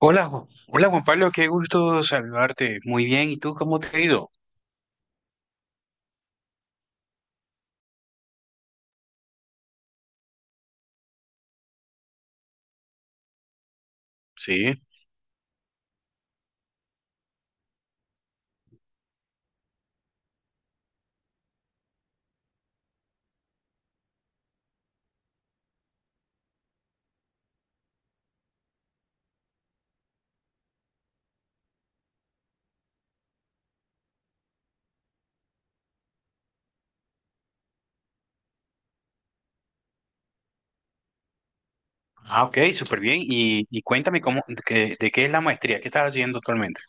Hola, hola Juan Pablo, qué gusto saludarte. Muy bien, ¿y tú cómo te ha ido? Sí. Ah, ok, súper bien. Y cuéntame cómo, de qué es la maestría que estás haciendo actualmente.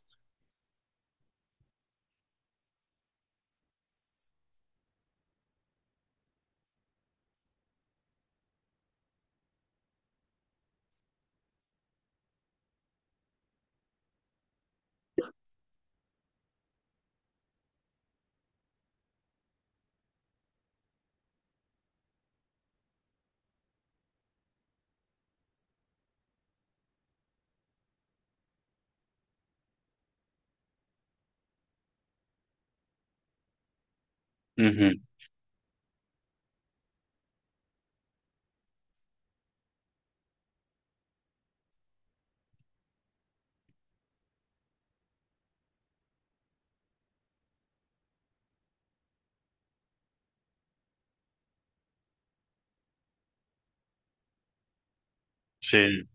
Ujú. Sí.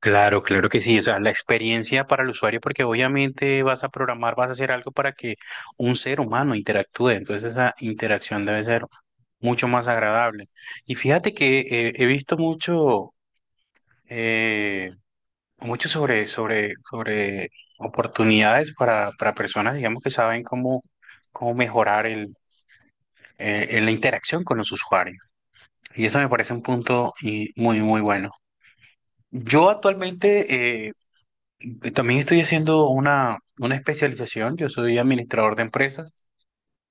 Claro, claro que sí. O sea, la experiencia para el usuario, porque obviamente vas a programar, vas a hacer algo para que un ser humano interactúe. Entonces esa interacción debe ser mucho más agradable. Y fíjate que he visto eh, mucho sobre, sobre oportunidades para personas, digamos, que saben cómo mejorar en la interacción con los usuarios. Y eso me parece un punto y muy, muy bueno. Yo actualmente también estoy haciendo una especialización, yo soy administrador de empresas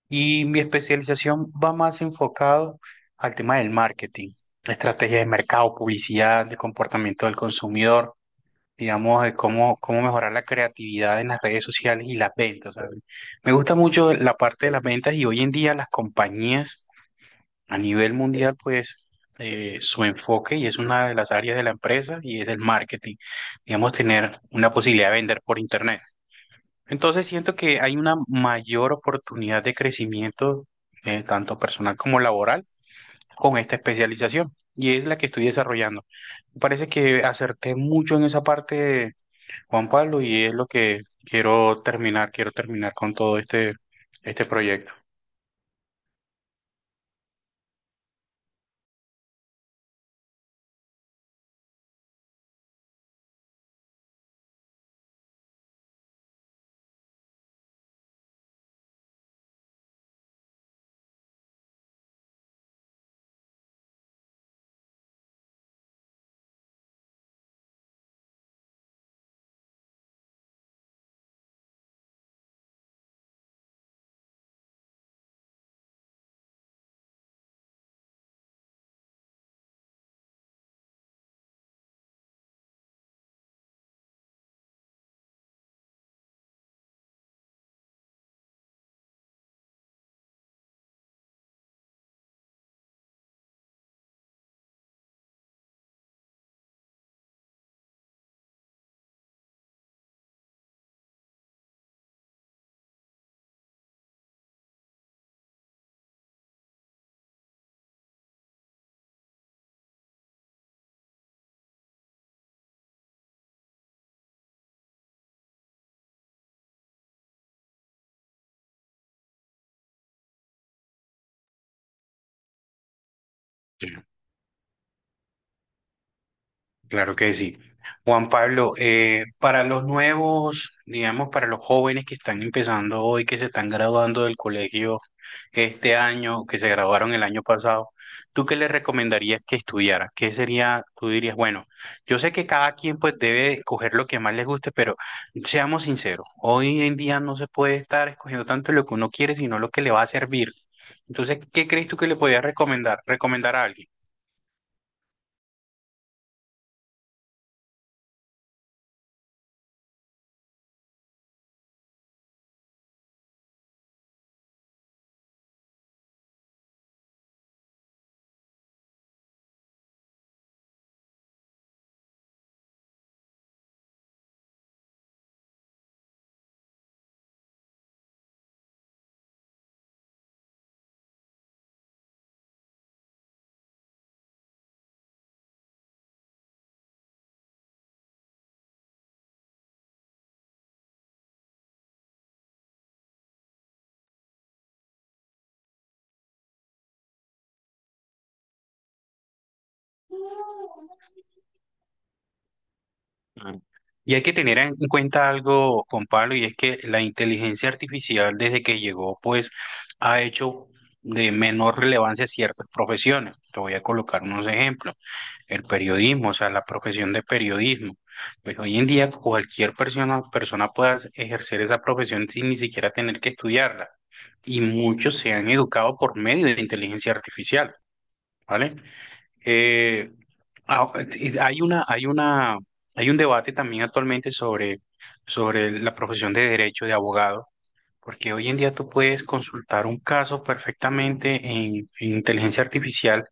y mi especialización va más enfocado al tema del marketing, estrategias de mercado, publicidad, de comportamiento del consumidor. Digamos, de cómo mejorar la creatividad en las redes sociales y las ventas. ¿Sabes? Me gusta mucho la parte de las ventas y hoy en día las compañías a nivel mundial, pues su enfoque y es una de las áreas de la empresa y es el marketing, digamos, tener una posibilidad de vender por internet. Entonces siento que hay una mayor oportunidad de crecimiento, tanto personal como laboral, con esta especialización y es la que estoy desarrollando. Me parece que acerté mucho en esa parte Juan Pablo, y es lo que quiero terminar con todo este, este proyecto. Sí. Claro que sí. Juan Pablo, para los nuevos, digamos, para los jóvenes que están empezando hoy, que se están graduando del colegio este año, que se graduaron el año pasado, ¿tú qué les recomendarías que estudiaran? ¿Qué sería, tú dirías, bueno, yo sé que cada quien pues debe escoger lo que más les guste, pero seamos sinceros, hoy en día no se puede estar escogiendo tanto lo que uno quiere, sino lo que le va a servir. Entonces, ¿qué crees tú que le podías recomendar, recomendar a alguien? Y hay que tener en cuenta algo con Pablo, y es que la inteligencia artificial desde que llegó, pues ha hecho de menor relevancia ciertas profesiones. Te voy a colocar unos ejemplos. El periodismo, o sea, la profesión de periodismo. Pues hoy en día cualquier persona puede ejercer esa profesión sin ni siquiera tener que estudiarla. Y muchos se han educado por medio de la inteligencia artificial. ¿Vale? Eh, ah, y hay un debate también actualmente sobre, sobre la profesión de derecho de abogado, porque hoy en día tú puedes consultar un caso perfectamente en inteligencia artificial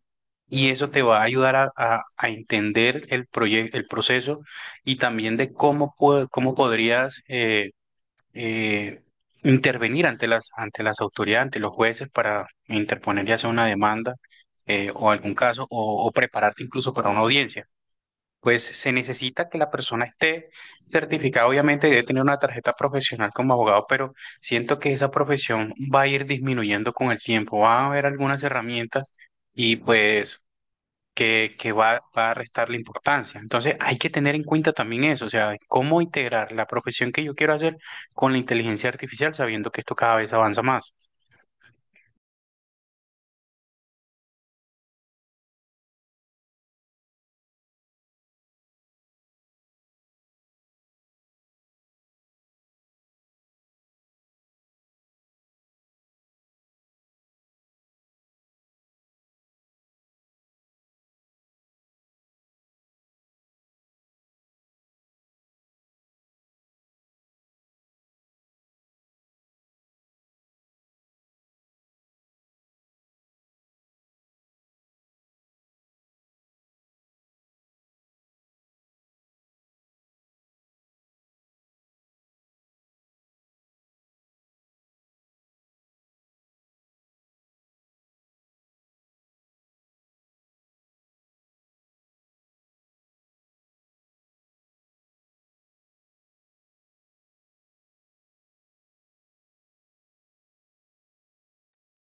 y eso te va a ayudar a, a entender el proyecto, el proceso y también de cómo podrías eh, intervenir ante las autoridades, ante los jueces para interponer ya sea una demanda o algún caso o prepararte incluso para una audiencia. Pues se necesita que la persona esté certificada, obviamente debe tener una tarjeta profesional como abogado, pero siento que esa profesión va a ir disminuyendo con el tiempo, va a haber algunas herramientas y pues va a restarle importancia. Entonces hay que tener en cuenta también eso, o sea, cómo integrar la profesión que yo quiero hacer con la inteligencia artificial sabiendo que esto cada vez avanza más.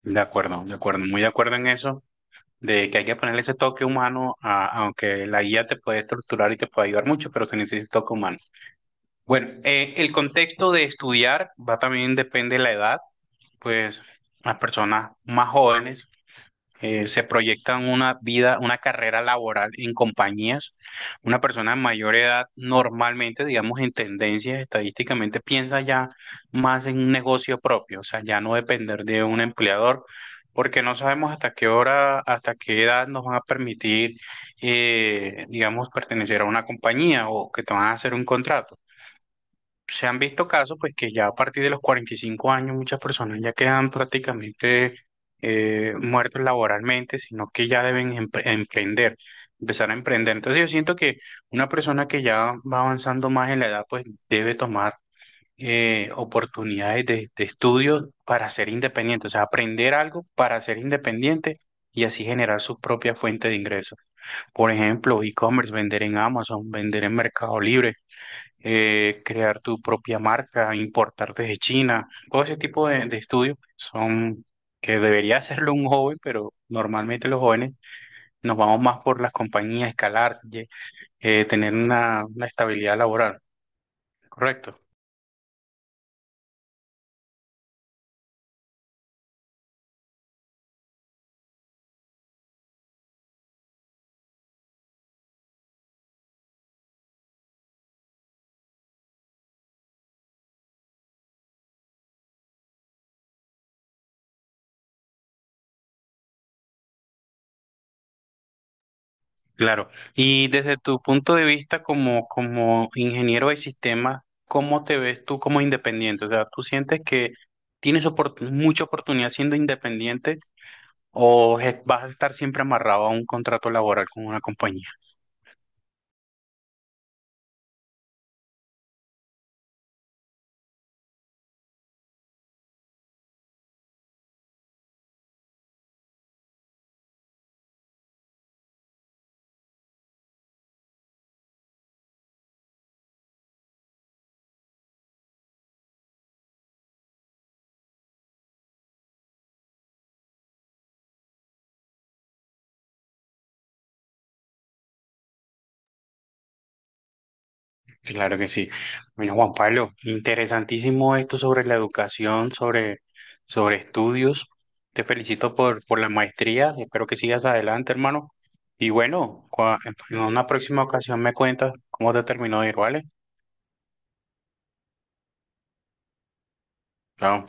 De acuerdo, muy de acuerdo en eso, de que hay que ponerle ese toque humano, aunque la guía te puede estructurar y te puede ayudar mucho, pero se necesita toque humano. Bueno, el contexto de estudiar va también depende de la edad, pues las personas más jóvenes se proyectan una vida, una carrera laboral en compañías. Una persona de mayor edad normalmente, digamos, en tendencias estadísticamente piensa ya más en un negocio propio, o sea, ya no depender de un empleador, porque no sabemos hasta qué hora, hasta qué edad nos van a permitir, digamos, pertenecer a una compañía o que te van a hacer un contrato. Se han visto casos, pues que ya a partir de los 45 años muchas personas ya quedan prácticamente muertos laboralmente, sino que ya deben emprender, empezar a emprender. Entonces yo siento que una persona que ya va avanzando más en la edad, pues debe tomar oportunidades de estudio para ser independiente, o sea, aprender algo para ser independiente. Y así generar su propia fuente de ingresos. Por ejemplo, e-commerce, vender en Amazon, vender en Mercado Libre, crear tu propia marca, importar desde China, todo ese tipo de estudios son que debería hacerlo un joven, pero normalmente los jóvenes nos vamos más por las compañías, escalar, tener una estabilidad laboral, ¿correcto? Claro. Y desde tu punto de vista como, como ingeniero de sistemas, ¿cómo te ves tú como independiente? O sea, ¿tú sientes que tienes mucha oportunidad siendo independiente? ¿O vas a estar siempre amarrado a un contrato laboral con una compañía? Claro que sí. Bueno, Juan Pablo, interesantísimo esto sobre la educación, sobre, sobre estudios. Te felicito por la maestría. Espero que sigas adelante, hermano. Y bueno, en una próxima ocasión me cuentas cómo te terminó de ir, ¿vale? Chao.